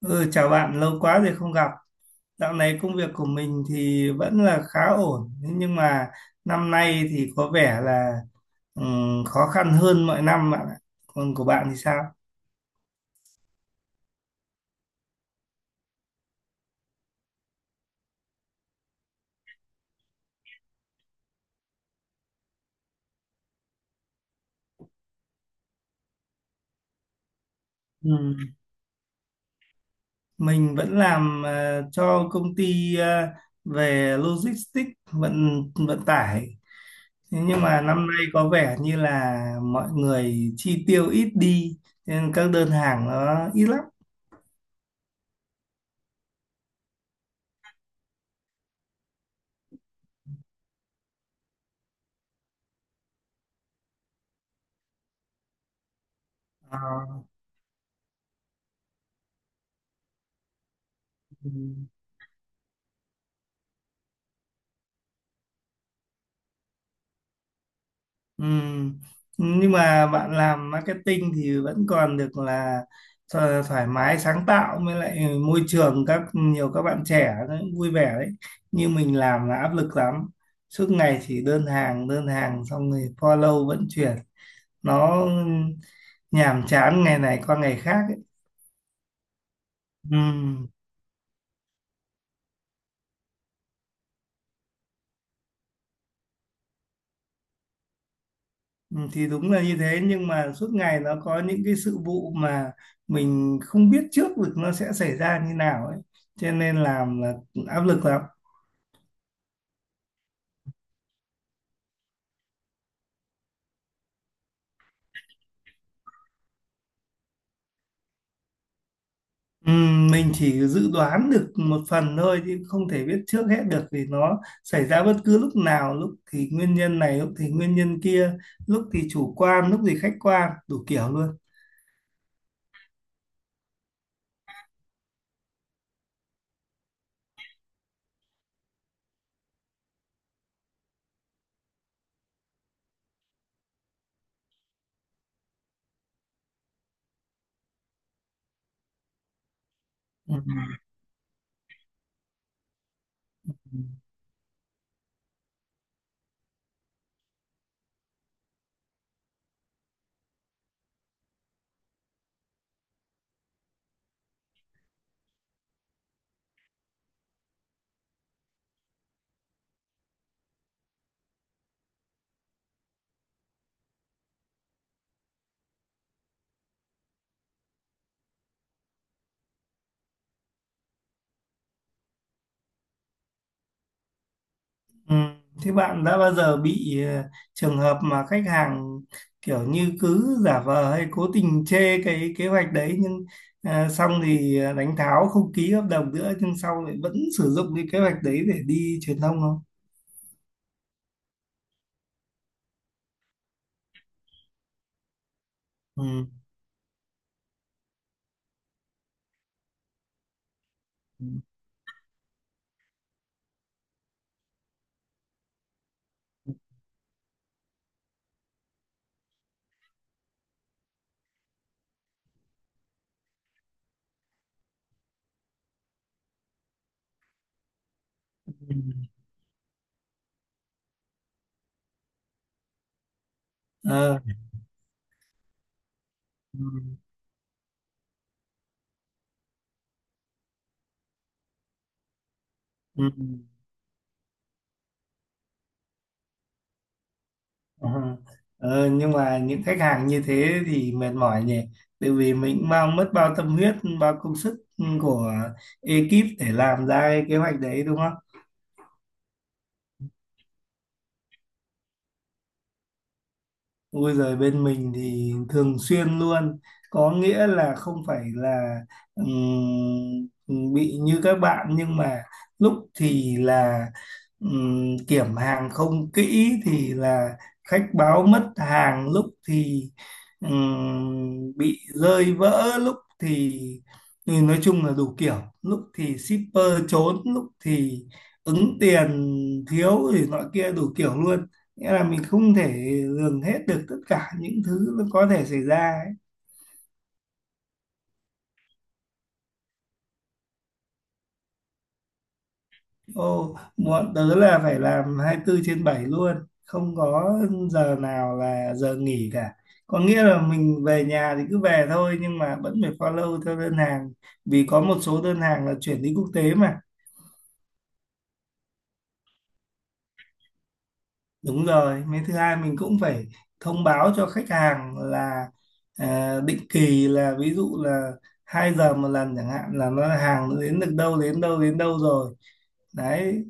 Ừ, chào bạn, lâu quá rồi không gặp. Dạo này công việc của mình thì vẫn là khá ổn, thế nhưng mà năm nay thì có vẻ là khó khăn hơn mọi năm bạn ạ. Còn của bạn thì sao? Ừ. Mình vẫn làm cho công ty về logistics vận vận tải. Thế nhưng mà năm nay có vẻ như là mọi người chi tiêu ít đi, nên các đơn hàng nó ít lắm. Ờ. Ừ. Ừm. Nhưng mà bạn làm marketing thì vẫn còn được là thoải mái sáng tạo với lại môi trường các nhiều các bạn trẻ nó cũng vui vẻ đấy. Như mình làm là áp lực lắm. Suốt ngày chỉ đơn hàng xong rồi follow vận chuyển. Nó nhàm chán ngày này qua ngày khác ấy. Ừ, thì đúng là như thế nhưng mà suốt ngày nó có những cái sự vụ mà mình không biết trước được nó sẽ xảy ra như nào ấy cho nên làm là áp lực lắm. Ừ, mình chỉ dự đoán được một phần thôi chứ không thể biết trước hết được vì nó xảy ra bất cứ lúc nào, lúc thì nguyên nhân này lúc thì nguyên nhân kia, lúc thì chủ quan lúc thì khách quan, đủ kiểu luôn. Ừ. Ừ. Thế bạn đã bao giờ bị trường hợp mà khách hàng kiểu như cứ giả vờ hay cố tình chê cái kế hoạch đấy nhưng xong thì đánh tháo không ký hợp đồng nữa nhưng sau lại vẫn sử dụng cái kế hoạch đấy để đi truyền thông không? Ừ. Ừ. Ờ. Ừ. Ừ. Ờ. Ờ, nhưng mà những khách hàng như thế thì mệt mỏi nhỉ, tại vì mình mang mất bao tâm huyết, bao công sức của ekip để làm ra cái kế hoạch đấy đúng. Ui giời, bên mình thì thường xuyên luôn, có nghĩa là không phải là bị như các bạn, nhưng mà lúc thì là kiểm hàng không kỹ thì là khách báo mất hàng, lúc thì bị rơi vỡ, lúc thì nói chung là đủ kiểu, lúc thì shipper trốn, lúc thì ứng tiền thiếu thì nọ kia đủ kiểu luôn, nghĩa là mình không thể lường hết được tất cả những thứ nó có thể xảy ra ấy. Ô, bọn tớ là phải làm 24 trên bảy luôn, không có giờ nào là giờ nghỉ cả. Có nghĩa là mình về nhà thì cứ về thôi nhưng mà vẫn phải follow theo đơn hàng, vì có một số đơn hàng là chuyển đi quốc tế mà. Đúng rồi, mấy thứ hai mình cũng phải thông báo cho khách hàng là à, định kỳ là ví dụ là 2 giờ một lần chẳng hạn, là nó hàng nó đến được đâu đến đâu đến đâu rồi đấy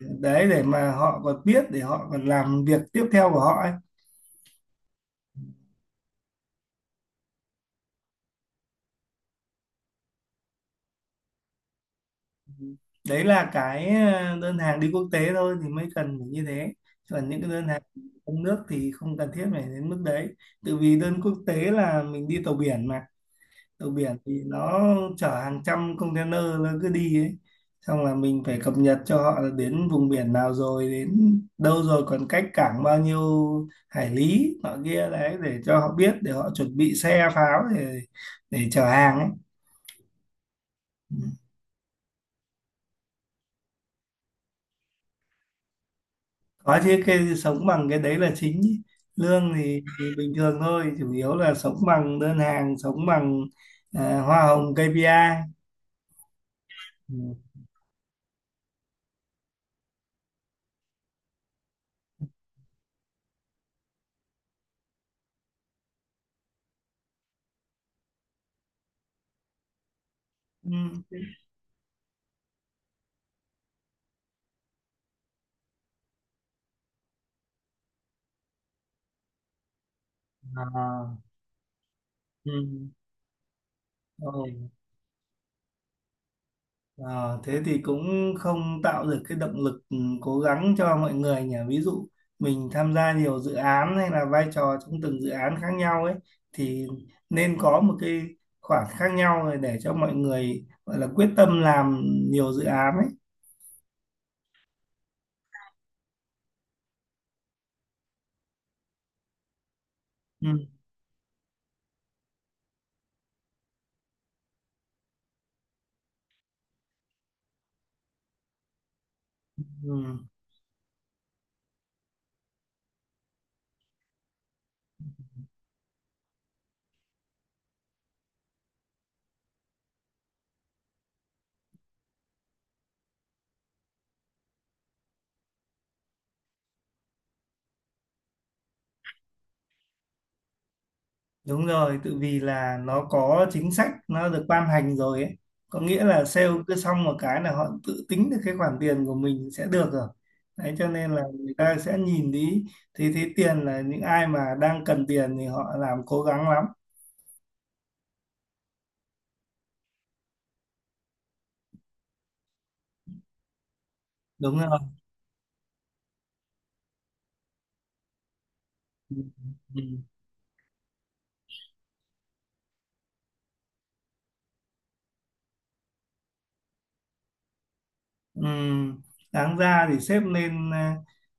đấy để mà họ còn biết để họ còn làm việc tiếp theo của họ ấy. Đấy là cái đơn hàng đi quốc tế thôi thì mới cần phải như thế, còn những cái đơn hàng trong nước thì không cần thiết phải đến mức đấy, tự vì đơn quốc tế là mình đi tàu biển mà. Tàu biển thì nó chở hàng trăm container nó cứ đi ấy, xong là mình phải cập nhật cho họ là đến vùng biển nào rồi, đến đâu rồi, còn cách cảng bao nhiêu hải lý nọ kia, đấy để cho họ biết để họ chuẩn bị xe pháo để chở hàng ấy. Có chứ, cái sống bằng cái đấy là chính ý. Lương thì bình thường thôi, chủ yếu là sống bằng đơn hàng, sống bằng à, hoa hồng KPI. Ừ. Ừ. À. Ừ. Ờ, thế thì cũng không tạo được cái động lực, ừ, cố gắng cho mọi người nhỉ. Ví dụ mình tham gia nhiều dự án hay là vai trò trong từng dự án khác nhau ấy thì nên có một cái khoảng khác nhau rồi để cho mọi người gọi là quyết tâm làm nhiều dự án ấy. Ừ. Ừ. Đúng rồi, tự vì là nó có chính sách nó được ban hành rồi ấy. Có nghĩa là sale cứ xong một cái là họ tự tính được cái khoản tiền của mình sẽ được rồi. Đấy cho nên là người ta sẽ nhìn đi thì thấy tiền, là những ai mà đang cần tiền thì họ làm cố gắng lắm. Đúng rồi. Ừ. Ừm, Đáng ra thì xếp lên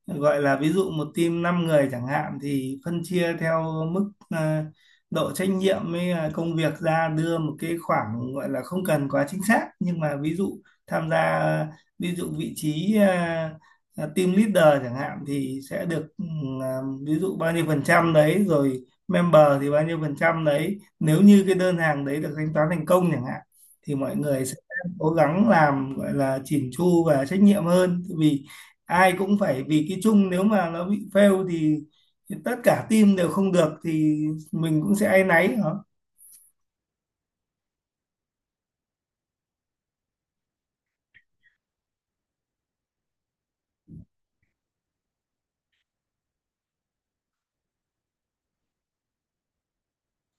gọi là ví dụ một team 5 người chẳng hạn thì phân chia theo mức độ trách nhiệm với công việc ra, đưa một cái khoảng gọi là không cần quá chính xác nhưng mà ví dụ tham gia ví dụ vị trí team leader chẳng hạn thì sẽ được ví dụ bao nhiêu phần trăm đấy, rồi member thì bao nhiêu phần trăm đấy, nếu như cái đơn hàng đấy được thanh toán thành công chẳng hạn, thì mọi người cố gắng làm gọi là chỉn chu và trách nhiệm hơn. Tại vì ai cũng phải vì cái chung, nếu mà nó bị fail thì tất cả team đều không được thì mình cũng sẽ áy náy.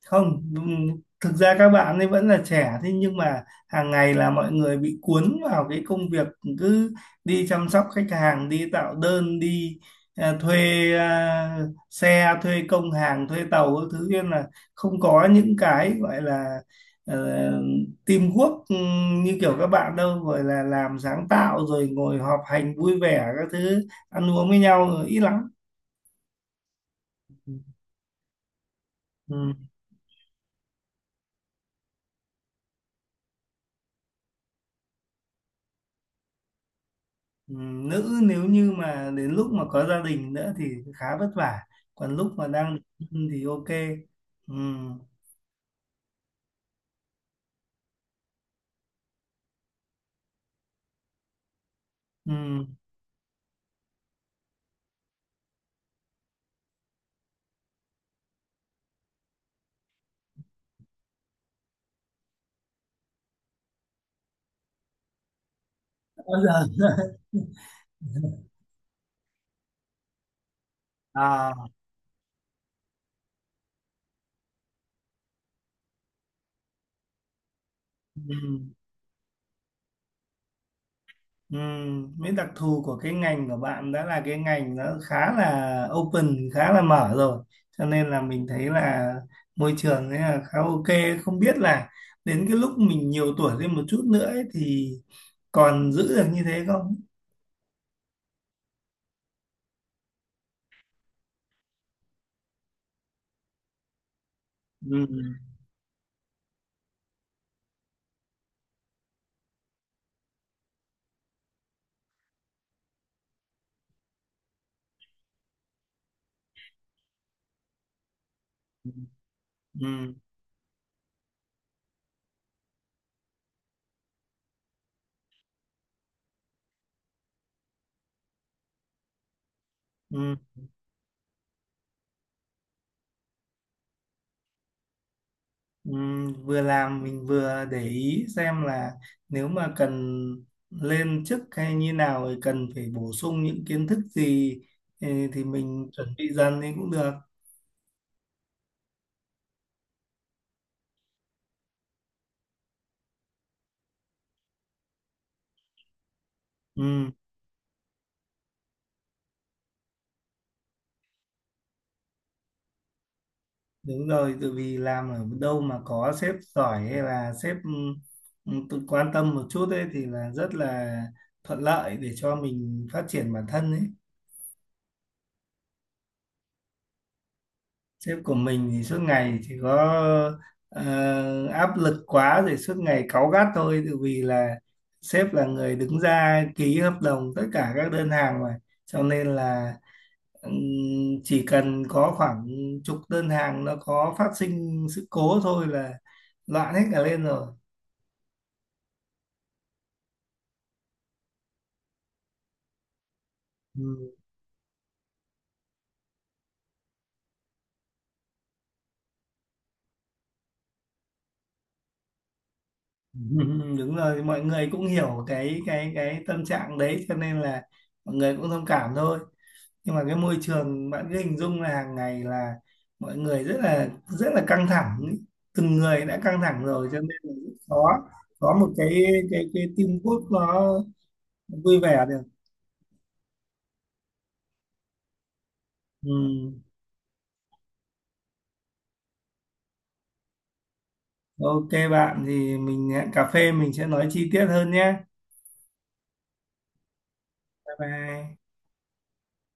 Không, thực ra các bạn ấy vẫn là trẻ, thế nhưng mà hàng ngày là mọi người bị cuốn vào cái công việc, cứ đi chăm sóc khách hàng, đi tạo đơn, đi thuê xe, thuê công hàng, thuê tàu các thứ, nên là không có những cái gọi là uh, teamwork, như kiểu các bạn đâu, gọi là làm sáng tạo rồi ngồi họp hành vui vẻ các thứ, ăn uống với nhau ít lắm. Ừ. Nữ nếu như mà đến lúc mà có gia đình nữa thì khá vất vả, còn lúc mà đang độc thân thì ok. Ừm. Ừm. Bao giờ à. Ừm. Ừm. Mấy đặc thù của cái ngành của bạn đã là cái ngành nó khá là open, khá là mở rồi, cho nên là mình thấy là môi trường ấy là khá ok, không biết là đến cái lúc mình nhiều tuổi lên một chút nữa ấy, thì còn giữ được như thế không. Ừm. Ừm. Ừm. Vừa làm mình vừa để ý xem là nếu mà cần lên chức hay như nào thì cần phải bổ sung những kiến thức gì, ừ, thì mình chuẩn bị dần thì cũng được. Ừ, đúng rồi, tại vì làm ở đâu mà có sếp giỏi hay là sếp, ừ, tự quan tâm một chút ấy thì là rất là thuận lợi để cho mình phát triển bản thân ấy. Sếp của mình thì suốt ngày chỉ có áp lực quá rồi suốt ngày cáu gắt thôi, tự vì là sếp là người đứng ra ký hợp đồng tất cả các đơn hàng mà, cho nên là ừm, chỉ cần có khoảng chục đơn hàng nó có phát sinh sự cố thôi là loạn hết cả lên rồi. Ừ. Đúng rồi, mọi người cũng hiểu cái tâm trạng đấy cho nên là mọi người cũng thông cảm thôi, nhưng mà cái môi trường bạn cứ hình dung là hàng ngày là mọi người rất là căng thẳng ý. Từng người đã căng thẳng rồi cho nên là rất khó có một cái teamwork nó vui vẻ được. Ừ. Ok bạn, thì mình hẹn cà phê mình sẽ nói chi tiết hơn nhé. Bye bye.